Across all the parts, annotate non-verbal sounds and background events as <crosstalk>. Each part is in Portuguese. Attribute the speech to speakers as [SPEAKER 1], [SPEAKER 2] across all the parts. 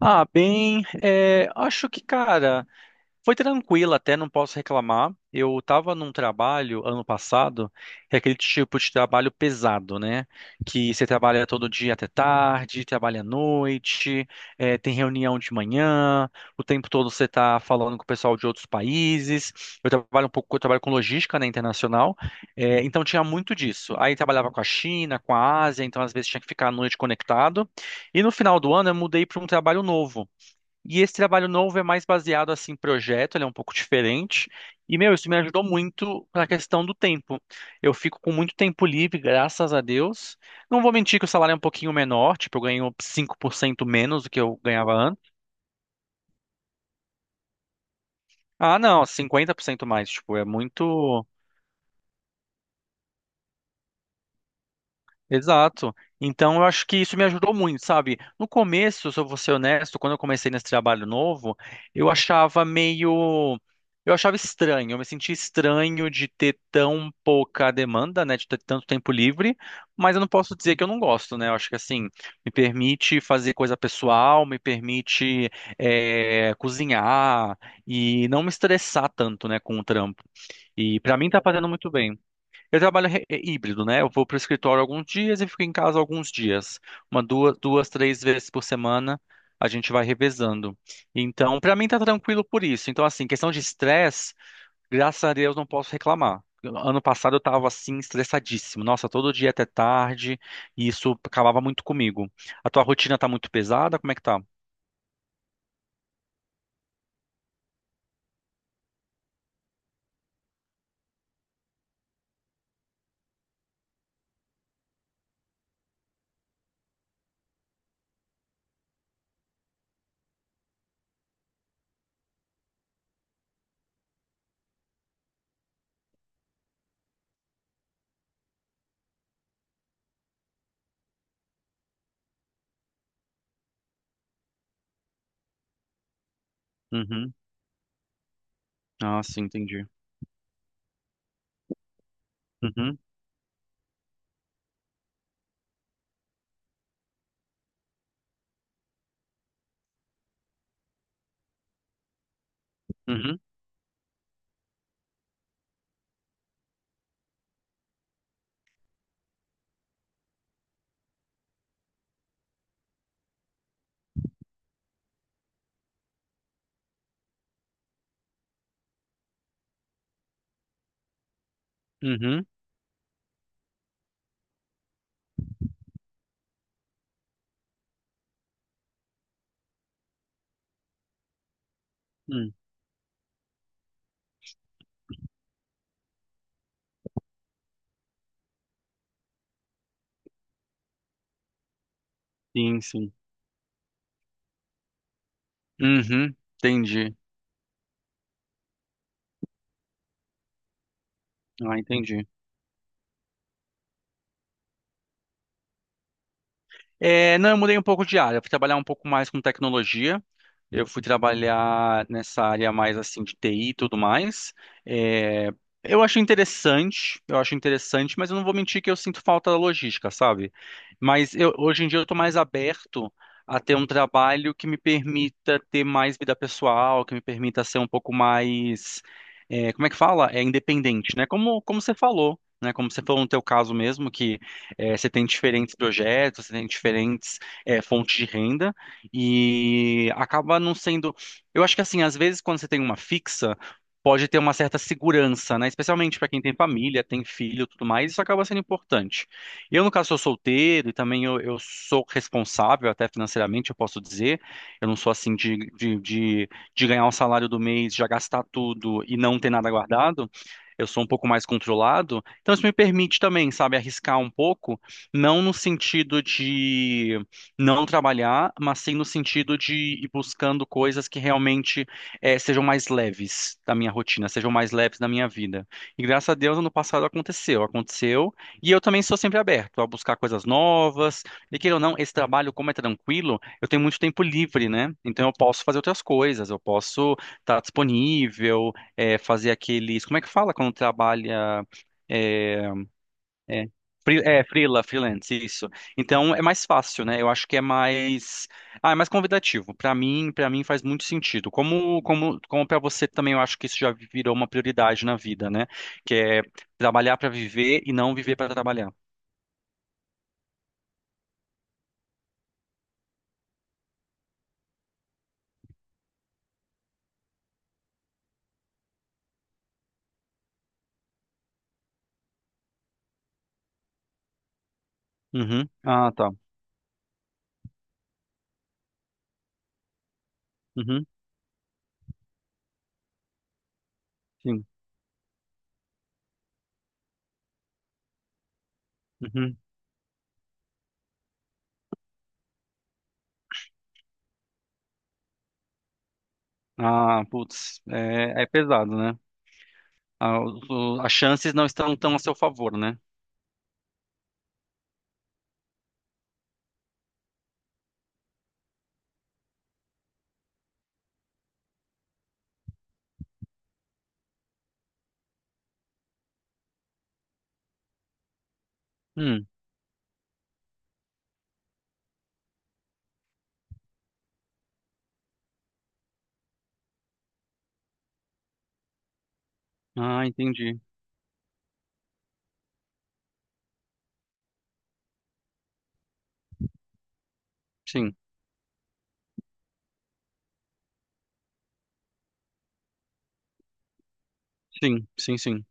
[SPEAKER 1] Acho que, cara, foi tranquila até, não posso reclamar. Eu estava num trabalho ano passado, que é aquele tipo de trabalho pesado, né? Que você trabalha todo dia até tarde, trabalha à noite, tem reunião de manhã, o tempo todo você está falando com o pessoal de outros países. Eu trabalho um pouco, eu trabalho com logística, né, internacional, então tinha muito disso. Aí trabalhava com a China, com a Ásia, então às vezes tinha que ficar à noite conectado. E no final do ano eu mudei para um trabalho novo. E esse trabalho novo é mais baseado assim em projeto, ele é um pouco diferente. E, meu, isso me ajudou muito na questão do tempo. Eu fico com muito tempo livre, graças a Deus. Não vou mentir que o salário é um pouquinho menor, tipo, eu ganho 5% menos do que eu ganhava antes. Ah, não, 50% mais, tipo, é muito. Exato. Então, eu acho que isso me ajudou muito, sabe? No começo, se eu vou ser honesto, quando eu comecei nesse trabalho novo, eu achava meio. Eu achava estranho, eu me sentia estranho de ter tão pouca demanda, né? De ter tanto tempo livre, mas eu não posso dizer que eu não gosto, né? Eu acho que assim, me permite fazer coisa pessoal, me permite cozinhar e não me estressar tanto, né, com o trampo. E pra mim tá fazendo muito bem. Eu trabalho é híbrido, né? Eu vou para o escritório alguns dias e fico em casa alguns dias. Uma, duas, duas, três vezes por semana a gente vai revezando. Então, para mim tá tranquilo por isso. Então, assim, questão de estresse, graças a Deus não posso reclamar. Ano passado eu tava assim, estressadíssimo. Nossa, todo dia até tarde, e isso acabava muito comigo. A tua rotina tá muito pesada? Como é que tá? Uhum. Ah, sim, entendi. Uhum, uhum, uhum, uhum. Sim, sim. Uhum, entendi. Ah, entendi. É, não, eu mudei um pouco de área. Eu fui trabalhar um pouco mais com tecnologia. Eu fui trabalhar nessa área mais assim de TI e tudo mais. É, eu acho interessante, mas eu não vou mentir que eu sinto falta da logística, sabe? Hoje em dia eu estou mais aberto a ter um trabalho que me permita ter mais vida pessoal, que me permita ser um pouco mais, é, como é que fala? É independente, né? Como, como você falou. Né, como você falou no teu caso mesmo, que é, você tem diferentes projetos, você tem diferentes fontes de renda, e acaba não sendo. Eu acho que assim, às vezes quando você tem uma fixa, pode ter uma certa segurança, né? Especialmente para quem tem família, tem filho, e tudo mais, isso acaba sendo importante. Eu, no caso, sou solteiro e também eu sou responsável, até financeiramente, eu posso dizer. Eu não sou assim de ganhar o salário do mês, já gastar tudo e não ter nada guardado. Eu sou um pouco mais controlado, então isso me permite também, sabe, arriscar um pouco, não no sentido de não trabalhar, mas sim no sentido de ir buscando coisas que realmente sejam mais leves da minha rotina, sejam mais leves da minha vida. E graças a Deus, ano passado aconteceu, aconteceu. E eu também sou sempre aberto a buscar coisas novas. E queira ou não, esse trabalho, como é tranquilo, eu tenho muito tempo livre, né? Então eu posso fazer outras coisas, eu posso estar disponível, fazer aqueles. Como é que fala quando trabalha? eh, é, é freela, freelance, isso. Então é mais fácil, né? Eu acho que é mais, ah, é mais convidativo. Pra mim, para mim faz muito sentido. Como para você também, eu acho que isso já virou uma prioridade na vida, né? Que é trabalhar pra viver e não viver pra trabalhar. Uhum. Ah, tá. Uhum. Sim. Uhum. Ah, putz, é, é pesado, né? Ah, as chances não estão tão a seu favor, né? Hum. Ah, entendi. Sim, sim, sim, sim.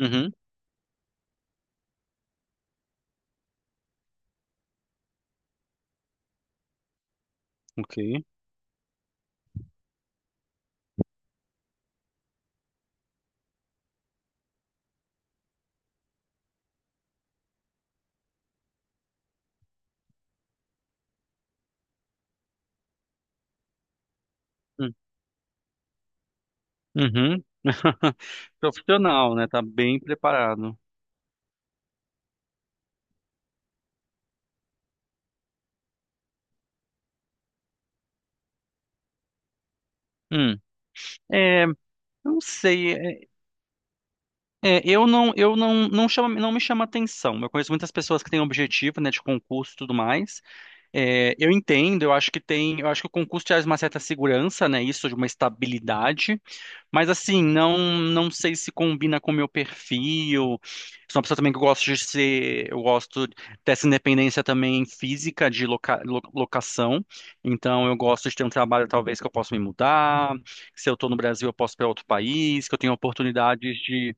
[SPEAKER 1] Uhum. Ok. Hum. Uhum. <laughs> Profissional, né? Tá bem preparado. Hum. É, eu não sei. Eu não, não chama, não me chama atenção. Eu conheço muitas pessoas que têm objetivo, né, de concurso e tudo mais. É, eu entendo. Eu acho que tem, eu acho que o concurso traz uma certa segurança, né? Isso de uma estabilidade. Mas assim, não sei se combina com o meu perfil. Sou uma pessoa também que eu gosto de ser, eu gosto dessa independência também física de locação. Então eu gosto de ter um trabalho talvez que eu possa me mudar, que se eu estou no Brasil eu posso ir para outro país, que eu tenho oportunidades de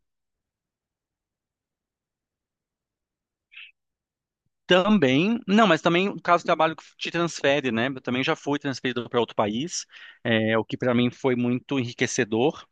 [SPEAKER 1] também, não, mas também o caso do trabalho que te transfere, né? Eu também já fui transferido para outro país, é, o que para mim foi muito enriquecedor.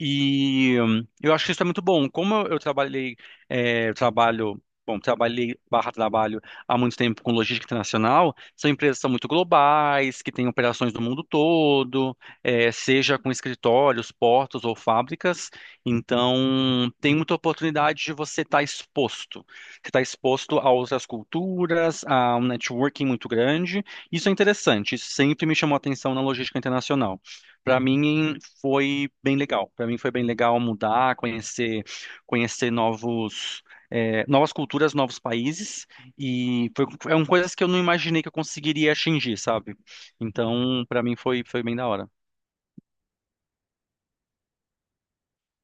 [SPEAKER 1] E eu acho que isso é muito bom. Como eu trabalhei, é, eu trabalho, bom, trabalhei, barra trabalho há muito tempo com logística internacional, são empresas que são muito globais, que têm operações do mundo todo, é, seja com escritórios, portos ou fábricas. Então, tem muita oportunidade de você estar exposto. Você está exposto a outras culturas, a um networking muito grande. Isso é interessante, isso sempre me chamou a atenção na logística internacional. Para mim, foi bem legal. Para mim foi bem legal mudar, conhecer, conhecer novos, novas culturas, novos países e foi, eram coisas que eu não imaginei que eu conseguiria atingir, sabe? Então, para mim foi bem da hora.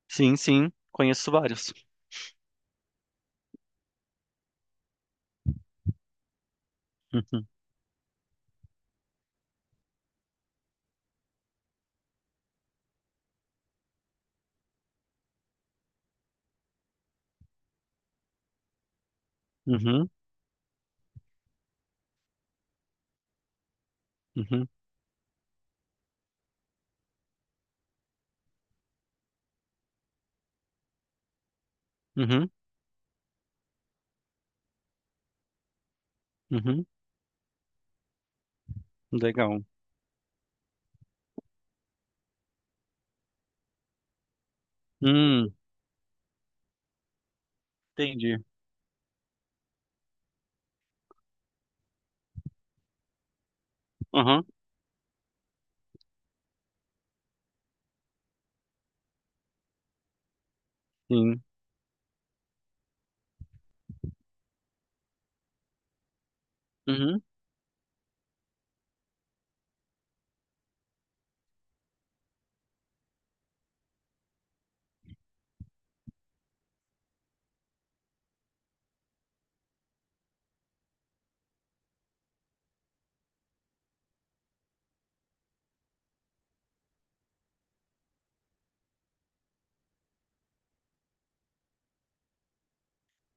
[SPEAKER 1] Sim, sim, conheço vários. Uhum, uhum, uhum, uhum, uhum, legal. Hum, entendi. Aham, sim. Uhum.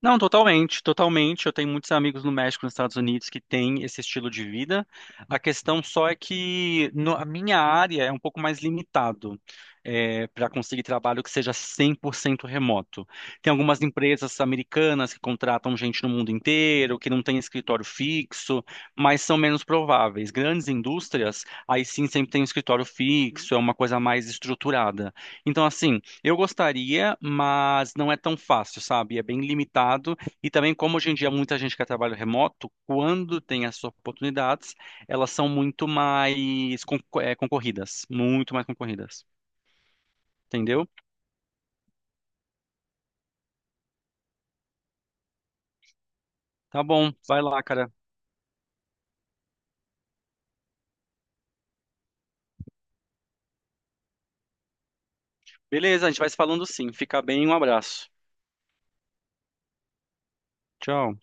[SPEAKER 1] Não, totalmente, totalmente. Eu tenho muitos amigos no México, nos Estados Unidos, que têm esse estilo de vida. A questão só é que a minha área é um pouco mais limitado para conseguir trabalho que seja 100% remoto. Tem algumas empresas americanas que contratam gente no mundo inteiro, que não tem escritório fixo, mas são menos prováveis. Grandes indústrias, aí sim sempre tem um escritório fixo, é uma coisa mais estruturada. Então, assim, eu gostaria, mas não é tão fácil, sabe? É bem limitado. E também, como hoje em dia muita gente quer trabalho remoto, quando tem essas oportunidades, elas são muito mais concorridas, muito mais concorridas, entendeu? Tá bom, vai lá, cara. Beleza, a gente vai se falando sim. Fica bem, um abraço. Tchau.